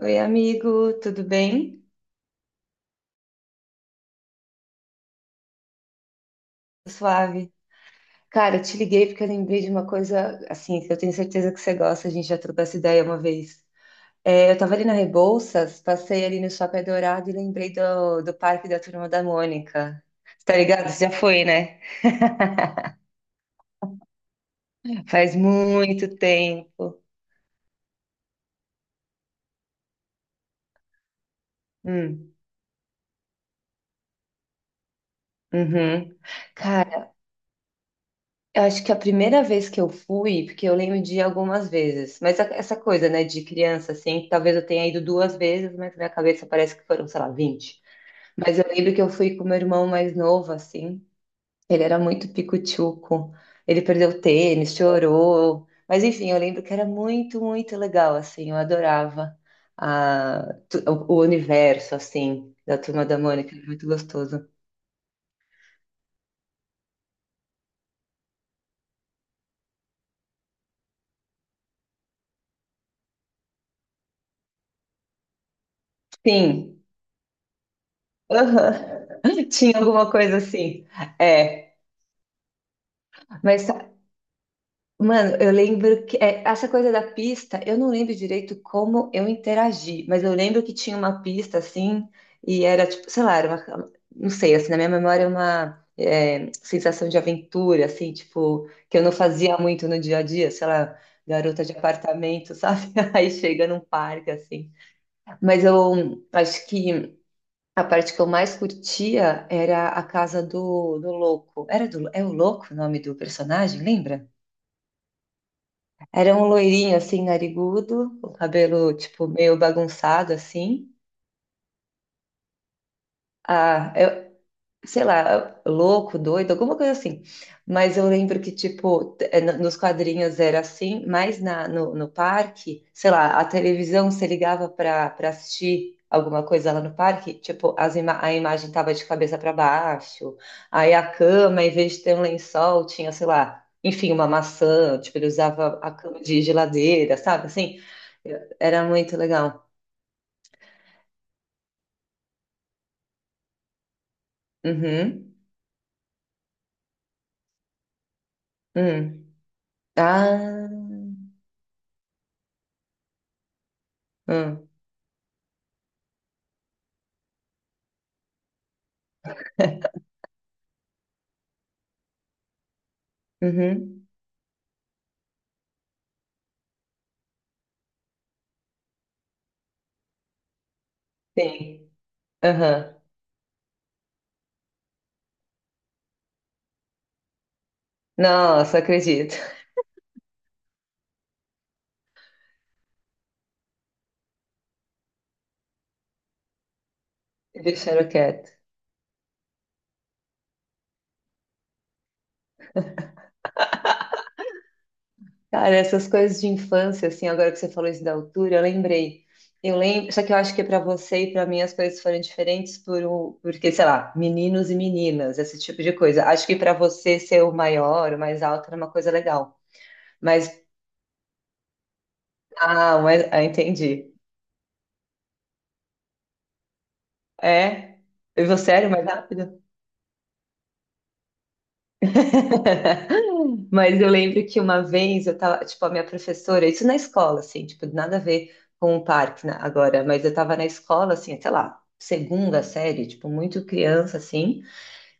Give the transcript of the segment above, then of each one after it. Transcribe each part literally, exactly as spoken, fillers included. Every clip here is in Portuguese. Oi, amigo, tudo bem? Suave. Cara, eu te liguei porque eu lembrei de uma coisa assim, que eu tenho certeza que você gosta, a gente já trocou essa ideia uma vez. É, eu tava ali na Rebouças, passei ali no Shopping Dourado e lembrei do, do Parque da Turma da Mônica. Você tá ligado? Você já foi, né? Faz muito tempo. Hum, uhum. Cara, eu acho que a primeira vez que eu fui, porque eu lembro de ir algumas vezes, mas a- essa coisa, né, de criança, assim, que talvez eu tenha ido duas vezes, mas na minha cabeça parece que foram, sei lá, vinte. Mas eu lembro que eu fui com meu irmão mais novo, assim, ele era muito pico-tchuco, ele perdeu o tênis, chorou, mas enfim, eu lembro que era muito, muito legal, assim, eu adorava a, tu- o, o universo, assim, da Turma da Mônica, era muito gostoso. Sim, aham. Tinha alguma coisa assim, é. Mas, mano, eu lembro que é, essa coisa da pista, eu não lembro direito como eu interagi, mas eu lembro que tinha uma pista assim, e era tipo, sei lá, era uma, não sei, assim, na minha memória, é uma é, sensação de aventura, assim, tipo, que eu não fazia muito no dia a dia, sei lá, garota de apartamento, sabe? Aí chega num parque, assim. Mas eu acho que a parte que eu mais curtia era a casa do, do louco. Era do, é o louco o nome do personagem, lembra? Era um loirinho, assim, narigudo, o cabelo, tipo, meio bagunçado, assim. Ah, eu, sei lá, louco, doido, alguma coisa assim. Mas eu lembro que, tipo, t- eh, no- nos quadrinhos era assim, mas na, no, no parque, sei lá, a televisão se ligava para para assistir alguma coisa lá no parque, tipo, as ima a imagem tava de cabeça para baixo, aí a cama, em vez de ter um lençol, tinha, sei lá, enfim, uma maçã, tipo, ele usava a cama de geladeira, sabe? Assim, era muito legal. Uhum. Hum. Ah. Hum, uhum. Sim. Aham. Nossa, acredito. Deixaram quieto. Cara, essas coisas de infância, assim, agora que você falou isso da altura, eu lembrei. Eu lembro, só que eu acho que para você e para mim as coisas foram diferentes por o- porque, sei lá, meninos e meninas, esse tipo de coisa. Acho que para você ser o maior, o mais alto era uma coisa legal. Mas, ah, mas, ah, entendi. É? E você era o mais rápido? Mas eu lembro que uma vez eu tava, tipo, a minha professora, isso na escola, assim, tipo, nada a ver com o parque, né, agora, mas eu tava na escola, assim, sei lá, segunda série, tipo, muito criança, assim,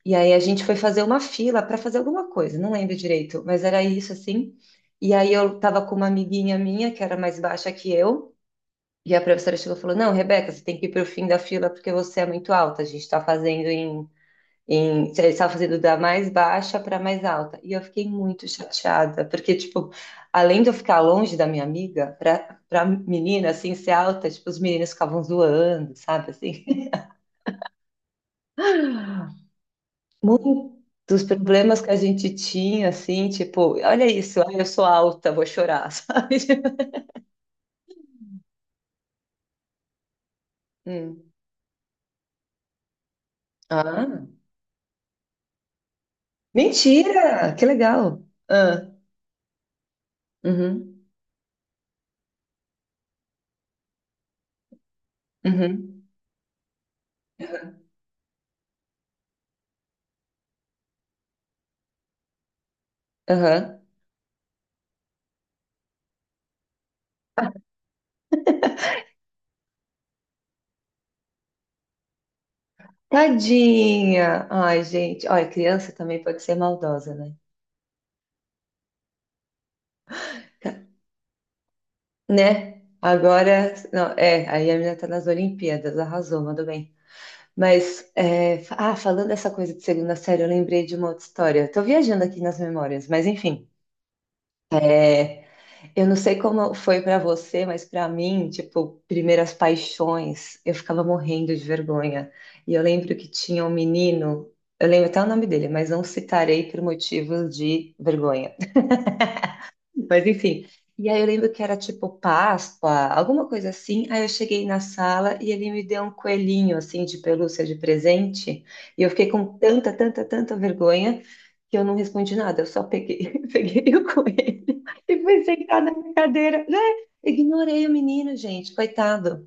e aí a gente foi fazer uma fila para fazer alguma coisa, não lembro direito, mas era isso, assim, e aí eu tava com uma amiguinha minha, que era mais baixa que eu, e a professora chegou e falou, não, Rebeca, você tem que ir pro fim da fila porque você é muito alta, a gente tá fazendo em em, ele estava fazendo da mais baixa para mais alta. E eu fiquei muito chateada, porque, tipo, além de eu ficar longe da minha amiga, para para menina, assim, ser alta, tipo, os meninos ficavam zoando, sabe, assim. Muitos problemas que a gente tinha, assim, tipo, olha isso, ai, eu sou alta, vou chorar, sabe? Hum. Ah, mentira! Que legal! Ah, uhum, uhum, uhum, aham. Tadinha! Ai, gente, olha, criança também pode ser maldosa, né? Né? Agora, não, é, aí a menina tá nas Olimpíadas, arrasou, mandou bem. Mas, é, fa- ah, falando dessa coisa de segunda série, eu lembrei de uma outra história. Eu tô viajando aqui nas memórias, mas enfim, é, eu não sei como foi pra você, mas pra mim, tipo, primeiras paixões, eu ficava morrendo de vergonha. E eu lembro que tinha um menino, eu lembro até o nome dele, mas não citarei por motivos de vergonha. Mas enfim. E aí eu lembro que era tipo Páscoa, alguma coisa assim. Aí eu cheguei na sala e ele me deu um coelhinho assim de pelúcia de presente. E eu fiquei com tanta, tanta, tanta vergonha que eu não respondi nada. Eu só peguei, peguei o coelho e fui sentar na minha cadeira, né? Ignorei o menino, gente, coitado.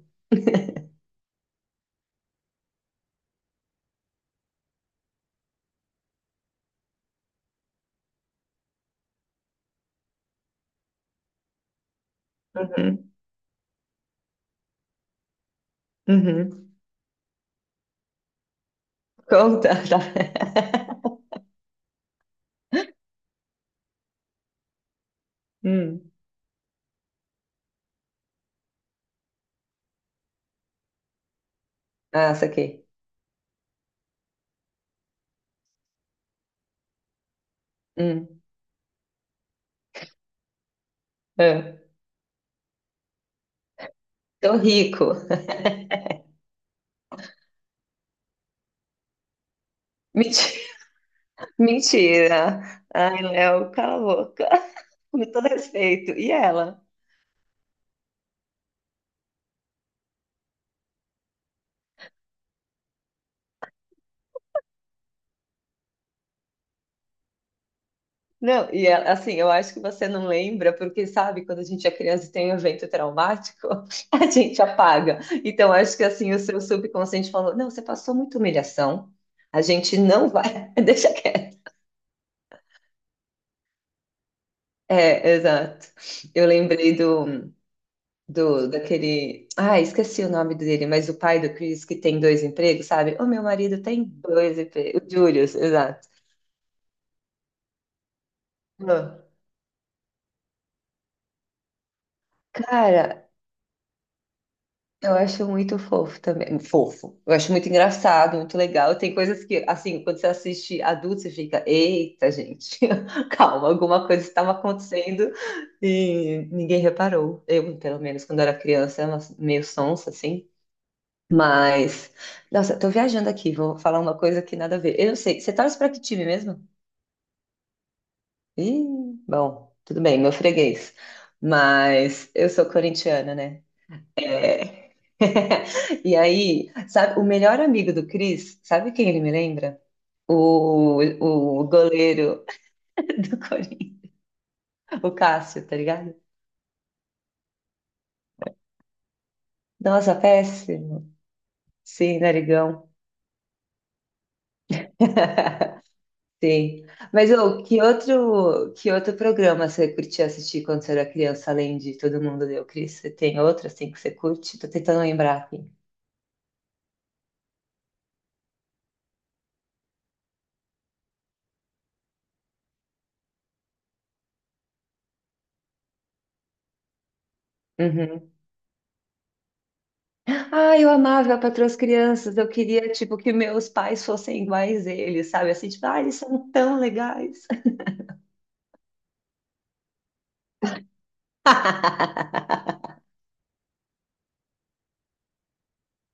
Uhum, uhum. Conta, tá? Hum. Ah, saquei. Hum. É. Tô rico. Menti- Mentira. Ai, Léo, cala a boca. Com todo respeito. E ela? Não, e ela, assim, eu acho que você não lembra, porque sabe, quando a gente é criança e tem um evento traumático, a gente apaga. Então, acho que assim, o seu subconsciente falou: não, você passou muita humilhação, a gente não vai. Deixa quieto. É, exato. Eu lembrei do, do daquele. Ah, esqueci o nome dele, mas o pai do Chris que tem dois empregos, sabe? O meu marido tem dois empregos. O Julius, exato. Ah. Cara, eu acho muito fofo também. Fofo. Eu acho muito engraçado, muito legal. Tem coisas que, assim, quando você assiste adulto, você fica, eita, gente, calma, alguma coisa estava acontecendo e ninguém reparou. Eu, pelo menos, quando era criança, era meio sonsa, assim. Mas, nossa, tô viajando aqui, vou falar uma coisa que nada a ver. Eu não sei, você torce pra que time mesmo? Ih, bom, tudo bem, meu freguês. Mas eu sou corintiana, né? E aí, sabe, o melhor amigo do Chris, sabe quem ele me lembra? O, o goleiro do Corinthians, o Cássio, tá ligado? Nossa, péssimo. Sim, narigão. Sim. Mas ô, que outro, que outro programa você curtia assistir quando você era criança, além de Todo Mundo Deu Cris? Você tem outro assim que você curte? Tô tentando lembrar aqui. Uhum. Ah, eu amava Patroa as Crianças. Eu queria, tipo, que meus pais fossem iguais a eles, sabe? Assim, tipo, ah, eles são tão legais.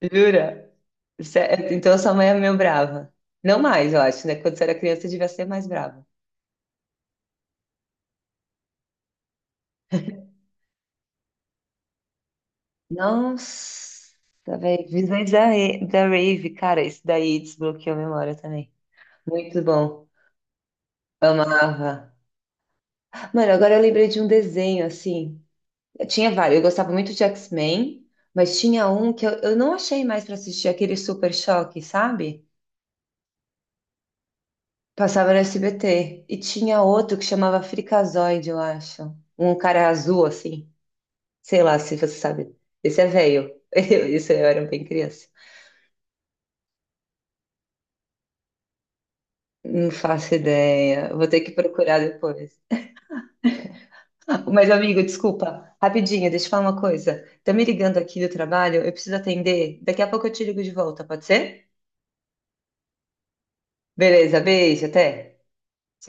Jura? Sé- Então sua mãe é meio brava. Não mais, eu acho, né? Quando você era criança, você devia ser mais brava. Nossa, velho. Visões da, Ra- da Rave, cara, isso daí desbloqueou a memória também. Muito bom. Amava. Mano, agora eu lembrei de um desenho, assim. Eu tinha vários. Eu gostava muito de X-Men, mas tinha um que eu, eu não achei mais pra assistir, aquele Super Choque, sabe? Passava no S B T. E tinha outro que chamava Frikazoide, eu acho. Um cara azul, assim. Sei lá se você sabe. Esse é velho. Isso eu era bem criança. Não faço ideia. Vou ter que procurar depois. Ah, mas, amigo, desculpa. Rapidinho, deixa eu falar uma coisa. Tá me ligando aqui do trabalho, eu preciso atender. Daqui a pouco eu te ligo de volta, pode ser? Beleza, beijo, até. Tchau.